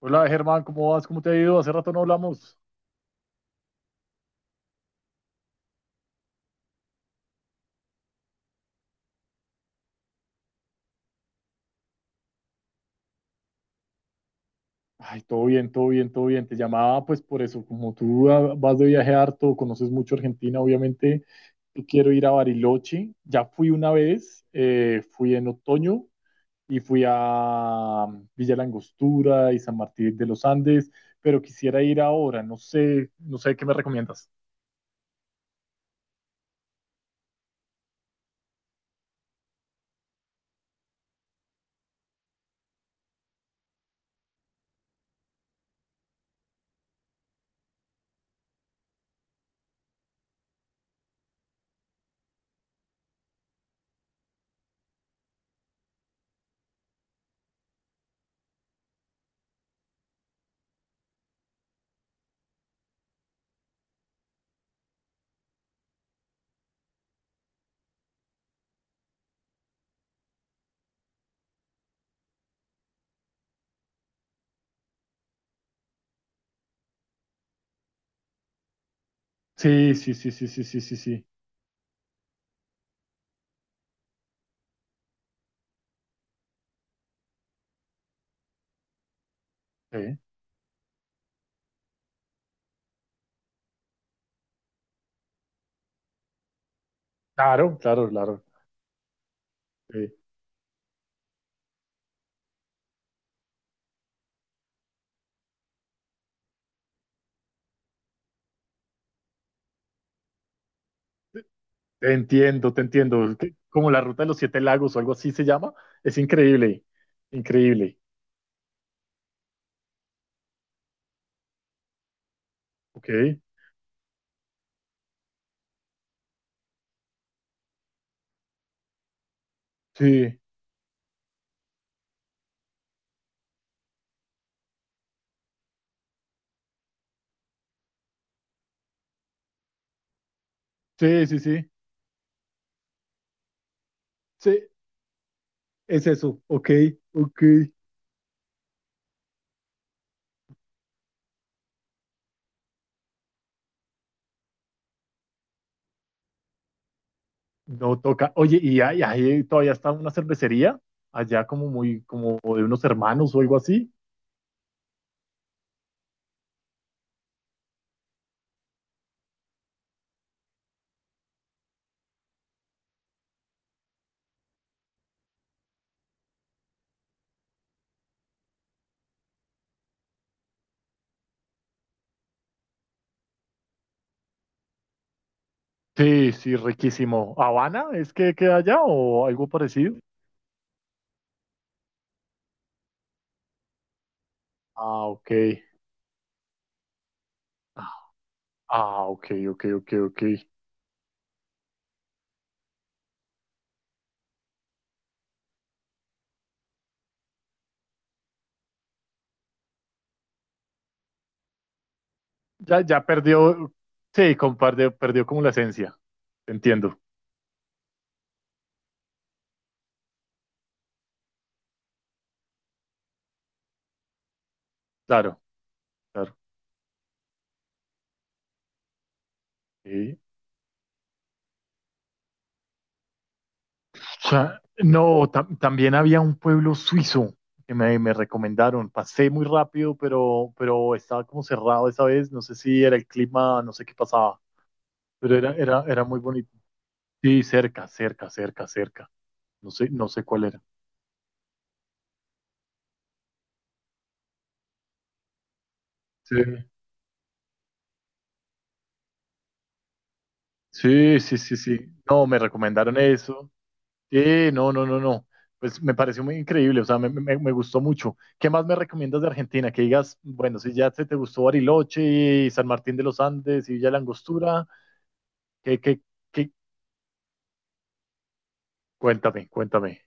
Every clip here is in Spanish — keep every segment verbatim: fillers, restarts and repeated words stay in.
Hola Germán, ¿cómo vas? ¿Cómo te ha ido? Hace rato no hablamos. Ay, todo bien, todo bien, todo bien. Te llamaba pues por eso, como tú ah, vas de viaje harto, conoces mucho Argentina, obviamente, yo quiero ir a Bariloche. Ya fui una vez, eh, fui en otoño y fui a mm, Villa La Angostura y San Martín de los Andes, pero quisiera ir ahora, no sé, no sé qué me recomiendas. Sí, sí, sí, sí, sí, sí, sí, sí. Sí. Claro, claro, claro. Sí. Te entiendo, te entiendo. Es que como la ruta de los siete lagos o algo así se llama, es increíble, increíble. Ok, sí, sí, sí, sí, sí, es eso. Ok, ok. No toca. Oye, y ahí, ahí todavía está una cervecería, allá como muy, como de unos hermanos o algo así. Sí, sí, riquísimo. ¿Habana es que queda allá o algo parecido? Ah, ok. Ah, ok, ok, ok, ok. Ya, ya perdió, sí, compartió, perdió como la esencia. Entiendo, claro, claro. Sí. O sea, no, tam- también había un pueblo suizo que me, me recomendaron. Pasé muy rápido, pero, pero estaba como cerrado esa vez. No sé si era el clima, no sé qué pasaba, pero era, era, era muy bonito. Sí, cerca, cerca, cerca, cerca. No sé, no sé cuál era. Sí, sí, sí, sí, sí. No, me recomendaron eso. Sí, no, no, no, no. Pues me pareció muy increíble, o sea, me, me- me gustó mucho. ¿Qué más me recomiendas de Argentina? Que digas, bueno, si ya te, te gustó Bariloche y San Martín de los Andes y Villa La Angostura, ¿qué, qué, qué? Cuéntame, cuéntame.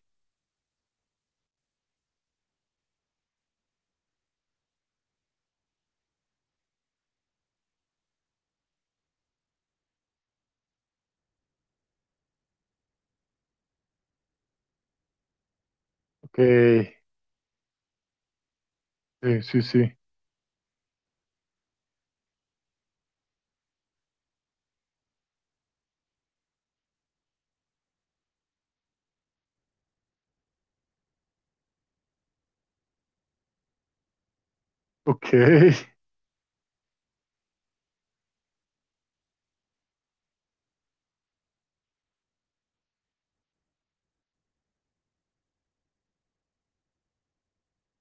Ok, sí, sí, sí. Ok,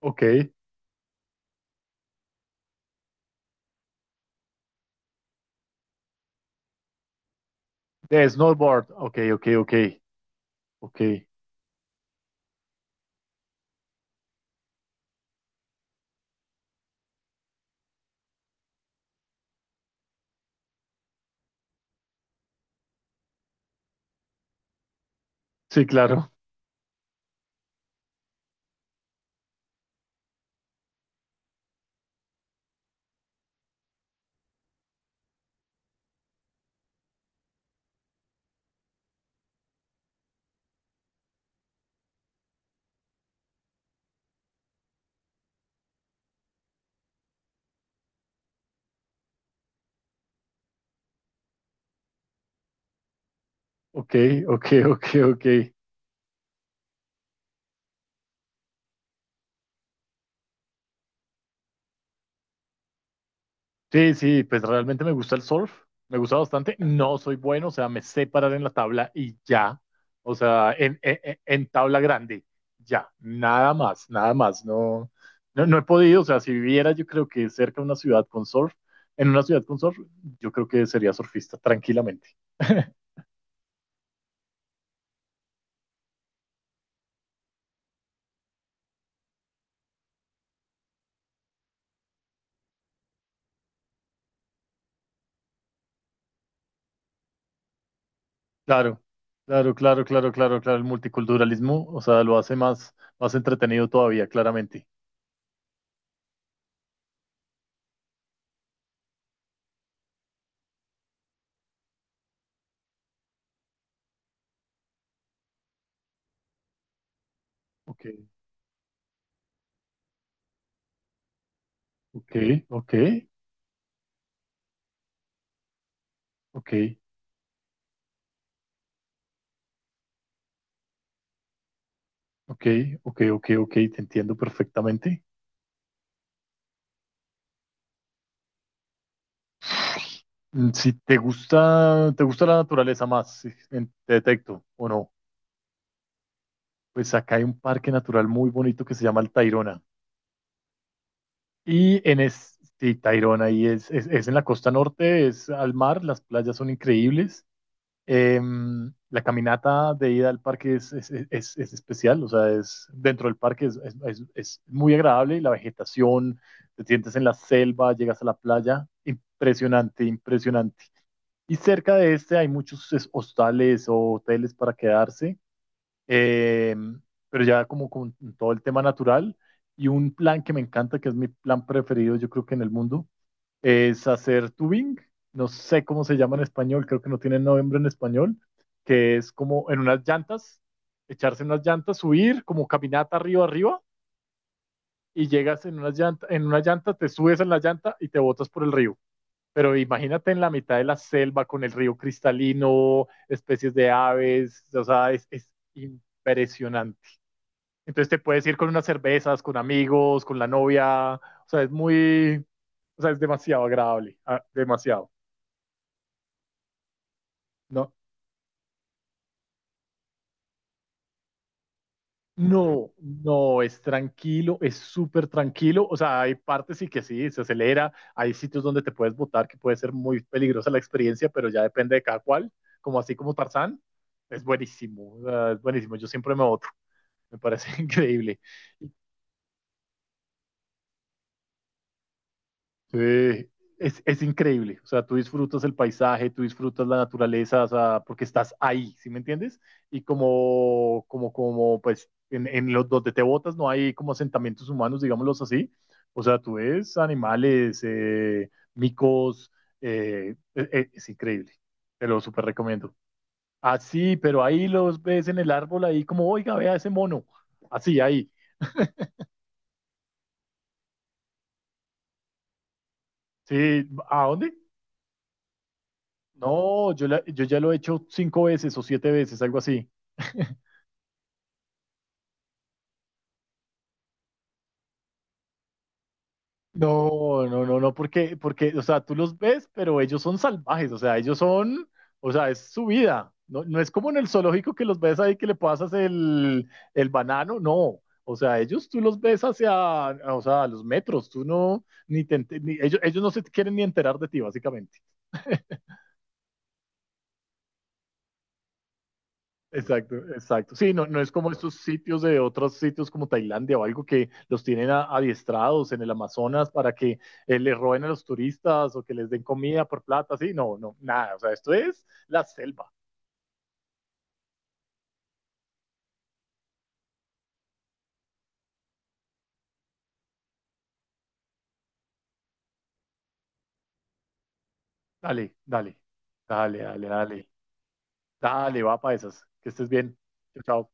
ok. De snowboard, ok, ok, ok, ok. Sí, claro. Ok, ok, ok, ok. Sí, sí, pues realmente me gusta el surf, me gusta bastante. No soy bueno, o sea, me sé parar en la tabla y ya, o sea, en, en- en- en tabla grande, ya, nada más, nada más. No, no, no he podido, o sea, si viviera yo creo que cerca de una ciudad con surf, en una ciudad con surf, yo creo que sería surfista tranquilamente. Claro, claro, claro, claro, claro, claro, el multiculturalismo, o sea, lo hace más, más entretenido todavía, claramente. Ok, ok, ok, ok. Ok, ok, ok, ok, te entiendo perfectamente. Mm, si te gusta, te gusta la naturaleza más, si- en- te detecto o no. Pues acá hay un parque natural muy bonito que se llama el Tayrona. Y en es, sí, Tayrona, y es, es, es en la costa norte, es al mar, las playas son increíbles. Em, la caminata de ida al parque es, es, es- es especial, o sea, es dentro del parque es, es, es es muy agradable y la vegetación, te sientes en la selva, llegas a la playa. Impresionante, impresionante. Y cerca de este hay muchos es- hostales o hoteles para quedarse, eh, pero ya como con todo el tema natural. Y un plan que me encanta, que es mi plan preferido, yo creo que en el mundo, es hacer tubing. No sé cómo se llama en español, creo que no tiene nombre en español, que es como en unas llantas, echarse en unas llantas, subir como caminata arriba arriba y llegas en unas llanta, en una llanta, te subes en la llanta y te botas por el río. Pero imagínate en la mitad de la selva con el río cristalino, especies de aves, o sea, es, es impresionante. Entonces te puedes ir con unas cervezas, con amigos, con la novia, o sea, es muy, o sea, es demasiado agradable, ah, demasiado. No. No, no, es tranquilo, es súper tranquilo. O sea, hay partes sí que sí, se acelera, hay sitios donde te puedes botar que puede ser muy peligrosa la experiencia, pero ya depende de cada cual, como así como Tarzán, es buenísimo, o sea, es buenísimo. Yo siempre me boto, me parece increíble. Sí, es, es increíble. O sea, tú disfrutas el paisaje, tú disfrutas la naturaleza, o sea, porque estás ahí, ¿sí me entiendes? Y como, como, como, pues, en, en los donde te botas no hay como asentamientos humanos, digámoslos así. O sea, tú ves animales, eh, micos, eh, eh, eh, es increíble. Te lo súper recomiendo. Así, pero ahí los ves en el árbol, ahí como, oiga, vea ese mono. Así, ahí. Sí, ¿a dónde? No, yo, la- yo ya lo he hecho cinco veces o siete veces, algo así. No, no, no, no, porque, porque, o sea, tú los ves, pero ellos son salvajes, o sea, ellos son, o sea, es su vida. No, no es como en el zoológico que los ves ahí que le pasas el, el banano, no. O sea, ellos tú los ves hacia, o sea, a los metros, tú no, ni te, ente- ni- ellos, ellos no se quieren ni enterar de ti, básicamente. Exacto, exacto. Sí, no, no es como estos sitios de otros sitios como Tailandia o algo que los tienen a- adiestrados en el Amazonas para que eh, les roben a los turistas o que les den comida por plata. Sí, no, no, nada. O sea, esto es la selva. Dale, dale, dale, dale, dale. Dale, va para esas. Que estés bien. Chao, chao.